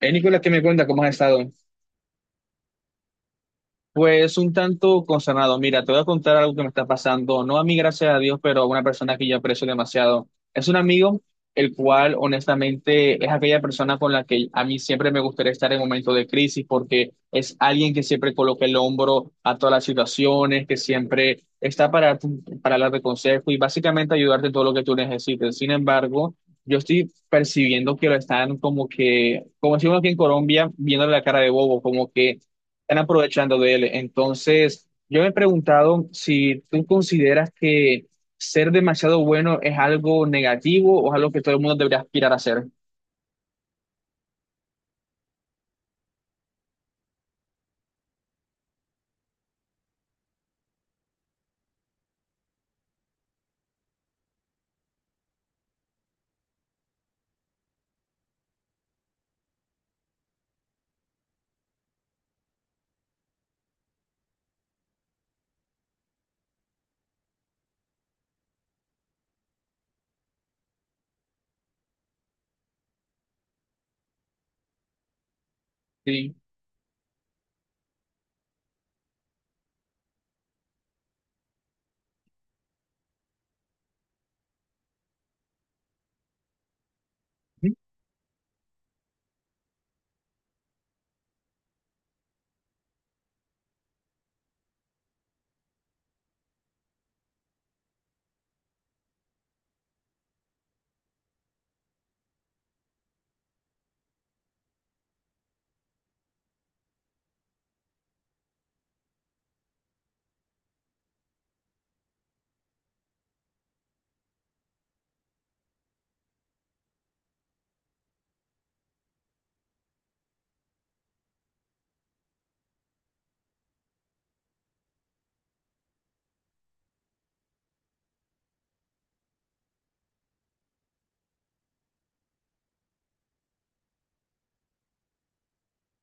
Nicolás, ¿qué me cuenta? ¿Cómo has estado? Pues un tanto consternado. Mira, te voy a contar algo que me está pasando, no a mí, gracias a Dios, pero a una persona que yo aprecio demasiado. Es un amigo, el cual honestamente es aquella persona con la que a mí siempre me gustaría estar en momentos de crisis, porque es alguien que siempre coloca el hombro a todas las situaciones, que siempre está para darte consejo y básicamente ayudarte en todo lo que tú necesites. Sin embargo, yo estoy percibiendo que lo están como que, como decimos aquí en Colombia, viendo la cara de bobo, como que están aprovechando de él. Entonces, yo me he preguntado si tú consideras que ser demasiado bueno es algo negativo o es algo que todo el mundo debería aspirar a ser. Sí.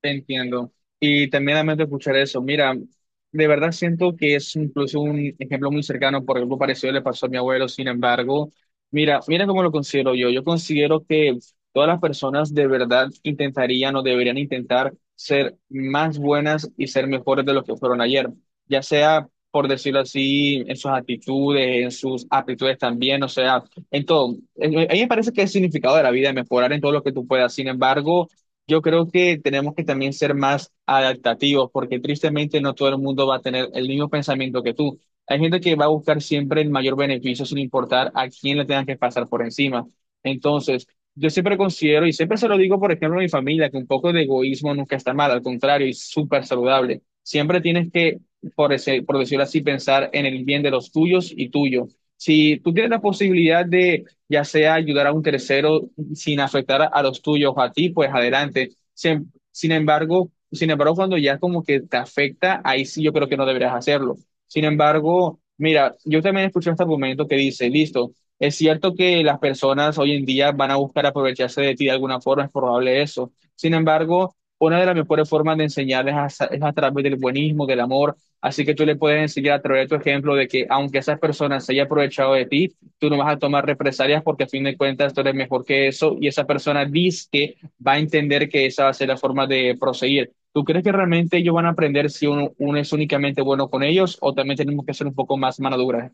Te entiendo. Y también lamento escuchar eso. Mira, de verdad siento que es incluso un ejemplo muy cercano, por algo parecido le pasó a mi abuelo. Sin embargo, mira cómo lo considero yo. Yo considero que todas las personas de verdad intentarían o deberían intentar ser más buenas y ser mejores de lo que fueron ayer. Ya sea, por decirlo así, en sus actitudes, en sus aptitudes también, o sea, en todo. A mí me parece que el significado de la vida es mejorar en todo lo que tú puedas. Sin embargo, yo creo que tenemos que también ser más adaptativos, porque tristemente no todo el mundo va a tener el mismo pensamiento que tú. Hay gente que va a buscar siempre el mayor beneficio sin importar a quién le tengan que pasar por encima. Entonces, yo siempre considero, y siempre se lo digo, por ejemplo, a mi familia, que un poco de egoísmo nunca está mal, al contrario, es súper saludable. Siempre tienes que, por decirlo así, pensar en el bien de los tuyos y tuyo. Si tú tienes la posibilidad de, ya sea ayudar a un tercero, sin afectar a los tuyos, a ti, pues adelante. Sin embargo, cuando ya como que te afecta, ahí sí yo creo que no deberías hacerlo. Sin embargo, mira, yo también escuché este argumento que dice, listo, es cierto que las personas hoy en día van a buscar aprovecharse de ti de alguna forma, es probable eso. Sin embargo, una de las mejores formas de enseñarles es a través del buenismo, del amor. Así que tú le puedes enseñar a través de tu ejemplo de que aunque esas personas se hayan aprovechado de ti, tú no vas a tomar represalias porque a fin de cuentas tú eres mejor que eso y esa persona dice que va a entender que esa va a ser la forma de proseguir. ¿Tú crees que realmente ellos van a aprender si uno es únicamente bueno con ellos o también tenemos que ser un poco más mano dura?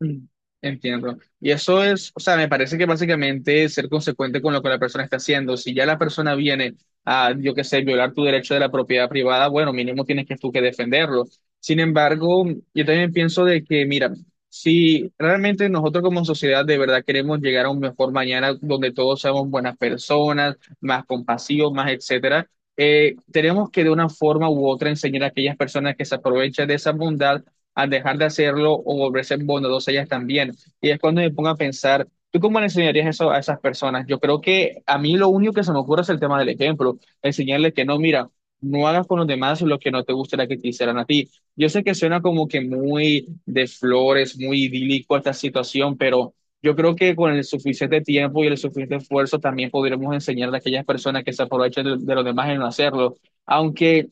Mm, Entiendo. Y eso es, o sea, me parece que básicamente es ser consecuente con lo que la persona está haciendo. Si ya la persona viene a, yo qué sé, violar tu derecho de la propiedad privada, bueno, mínimo tienes que tú que defenderlo. Sin embargo, yo también pienso de que, mira, si realmente nosotros como sociedad de verdad queremos llegar a un mejor mañana donde todos seamos buenas personas, más compasivos, más etcétera, tenemos que de una forma u otra enseñar a aquellas personas que se aprovechan de esa bondad a dejar de hacerlo o volverse bondadosa ellas también. Y es cuando me pongo a pensar, ¿tú cómo le enseñarías eso a esas personas? Yo creo que a mí lo único que se me ocurre es el tema del ejemplo, enseñarles que no, mira, no hagas con los demás lo que no te gustaría que te hicieran a ti. Yo sé que suena como que muy de flores, muy idílico esta situación, pero... Yo creo que con el suficiente tiempo y el suficiente esfuerzo también podremos enseñar a aquellas personas que se aprovechan de los demás en no hacerlo. Aunque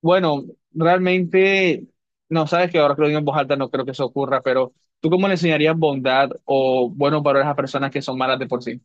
bueno, realmente, no sabes que ahora que lo digo en voz alta no creo que eso ocurra, pero ¿tú cómo le enseñarías bondad o buenos valores a personas que son malas de por sí?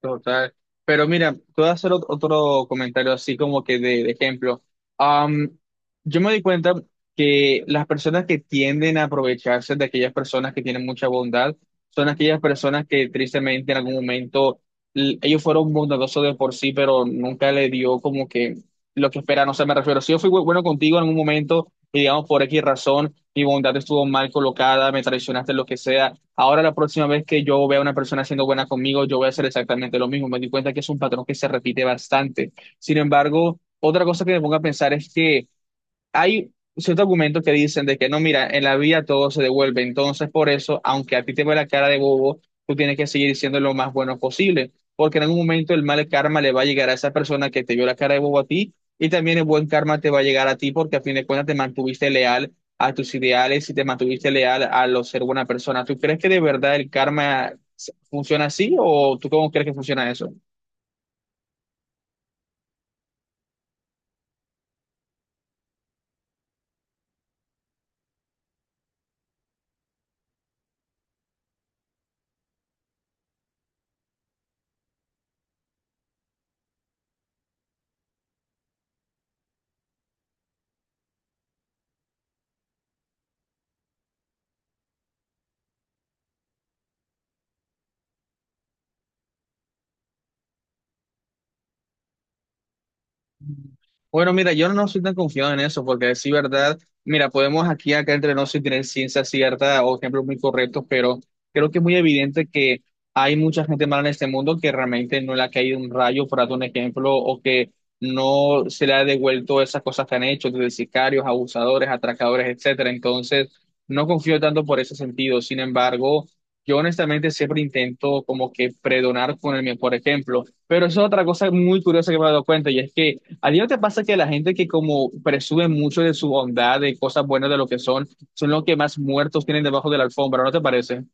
Total. Pero mira, te voy a hacer otro comentario así como que de ejemplo. Am, yo me di cuenta que las personas que tienden a aprovecharse de aquellas personas que tienen mucha bondad son aquellas personas que tristemente en algún momento ellos fueron bondadosos de por sí, pero nunca le dio como que lo que esperan. O sea, me refiero, si yo fui bueno contigo en algún momento y digamos por X razón, mi bondad estuvo mal colocada, me traicionaste, lo que sea. Ahora la próxima vez que yo vea a una persona siendo buena conmigo, yo voy a hacer exactamente lo mismo. Me di cuenta que es un patrón que se repite bastante. Sin embargo, otra cosa que me pongo a pensar es que hay ciertos argumentos que dicen de que no, mira, en la vida todo se devuelve, entonces por eso, aunque a ti te ve la cara de bobo, tú tienes que seguir siendo lo más bueno posible, porque en algún momento el mal karma le va a llegar a esa persona que te vio la cara de bobo a ti, y también el buen karma te va a llegar a ti porque a fin de cuentas te mantuviste leal a tus ideales y te mantuviste leal a lo ser buena persona. ¿Tú crees que de verdad el karma funciona así o tú cómo crees que funciona eso? Bueno, mira, yo no soy tan confiado en eso, porque sí, verdad, mira, podemos aquí acá entre nosotros tener ciencia cierta o ejemplos muy correctos, pero creo que es muy evidente que hay mucha gente mala en este mundo que realmente no le ha caído un rayo, por darte un ejemplo, o que no se le ha devuelto esas cosas que han hecho, desde sicarios, abusadores, atracadores, etcétera. Entonces, no confío tanto por ese sentido. Sin embargo, yo honestamente siempre intento como que predonar con el mío, por ejemplo. Pero eso es otra cosa muy curiosa que me he dado cuenta, y es que ¿a ti no te pasa que la gente que como presume mucho de su bondad, de cosas buenas, de lo que son, son los que más muertos tienen debajo de la alfombra, ¿no te parece?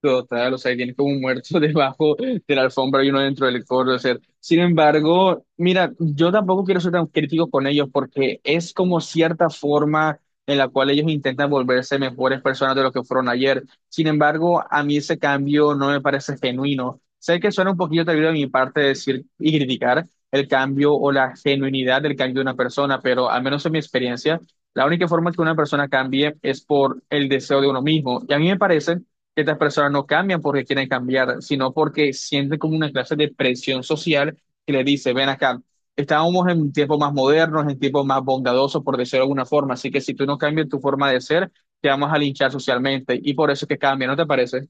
Total, o sea, y tiene como un muerto debajo de la alfombra y uno dentro del coro. O sea, sin embargo, mira, yo tampoco quiero ser tan crítico con ellos porque es como cierta forma en la cual ellos intentan volverse mejores personas de lo que fueron ayer. Sin embargo, a mí ese cambio no me parece genuino. Sé que suena un poquito atrevido de mi parte decir y criticar el cambio o la genuinidad del cambio de una persona, pero al menos en mi experiencia, la única forma que una persona cambie es por el deseo de uno mismo. Y a mí me parece que estas personas no cambian porque quieren cambiar, sino porque sienten como una clase de presión social que le dice, ven acá, estábamos en tiempos más modernos, en tiempos más bondadosos, por decirlo de alguna forma, así que si tú no cambias tu forma de ser, te vamos a linchar socialmente y por eso es que cambia, ¿no te parece?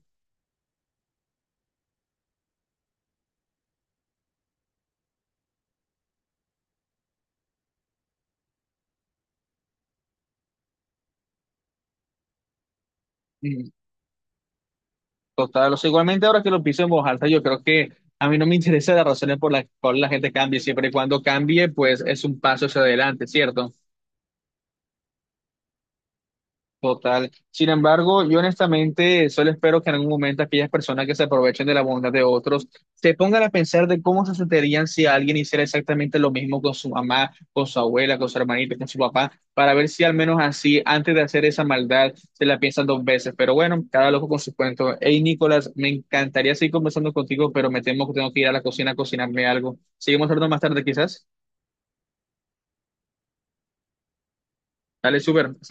Mm, Total, o sea, igualmente ahora que lo pienso en voz alta, yo creo que a mí no me interesa las razones por las cuales la gente cambie, siempre y cuando cambie, pues es un paso hacia adelante, ¿cierto? Total. Sin embargo, yo honestamente solo espero que en algún momento aquellas personas que se aprovechen de la bondad de otros se pongan a pensar de cómo se sentirían si alguien hiciera exactamente lo mismo con su mamá, con su abuela, con su hermanita, con su papá, para ver si al menos así, antes de hacer esa maldad, se la piensan 2 veces. Pero bueno, cada loco con su cuento. Hey, Nicolás, me encantaría seguir conversando contigo, pero me temo que tengo que ir a la cocina a cocinarme algo. Seguimos hablando más tarde, quizás. Dale, súper. Hasta luego.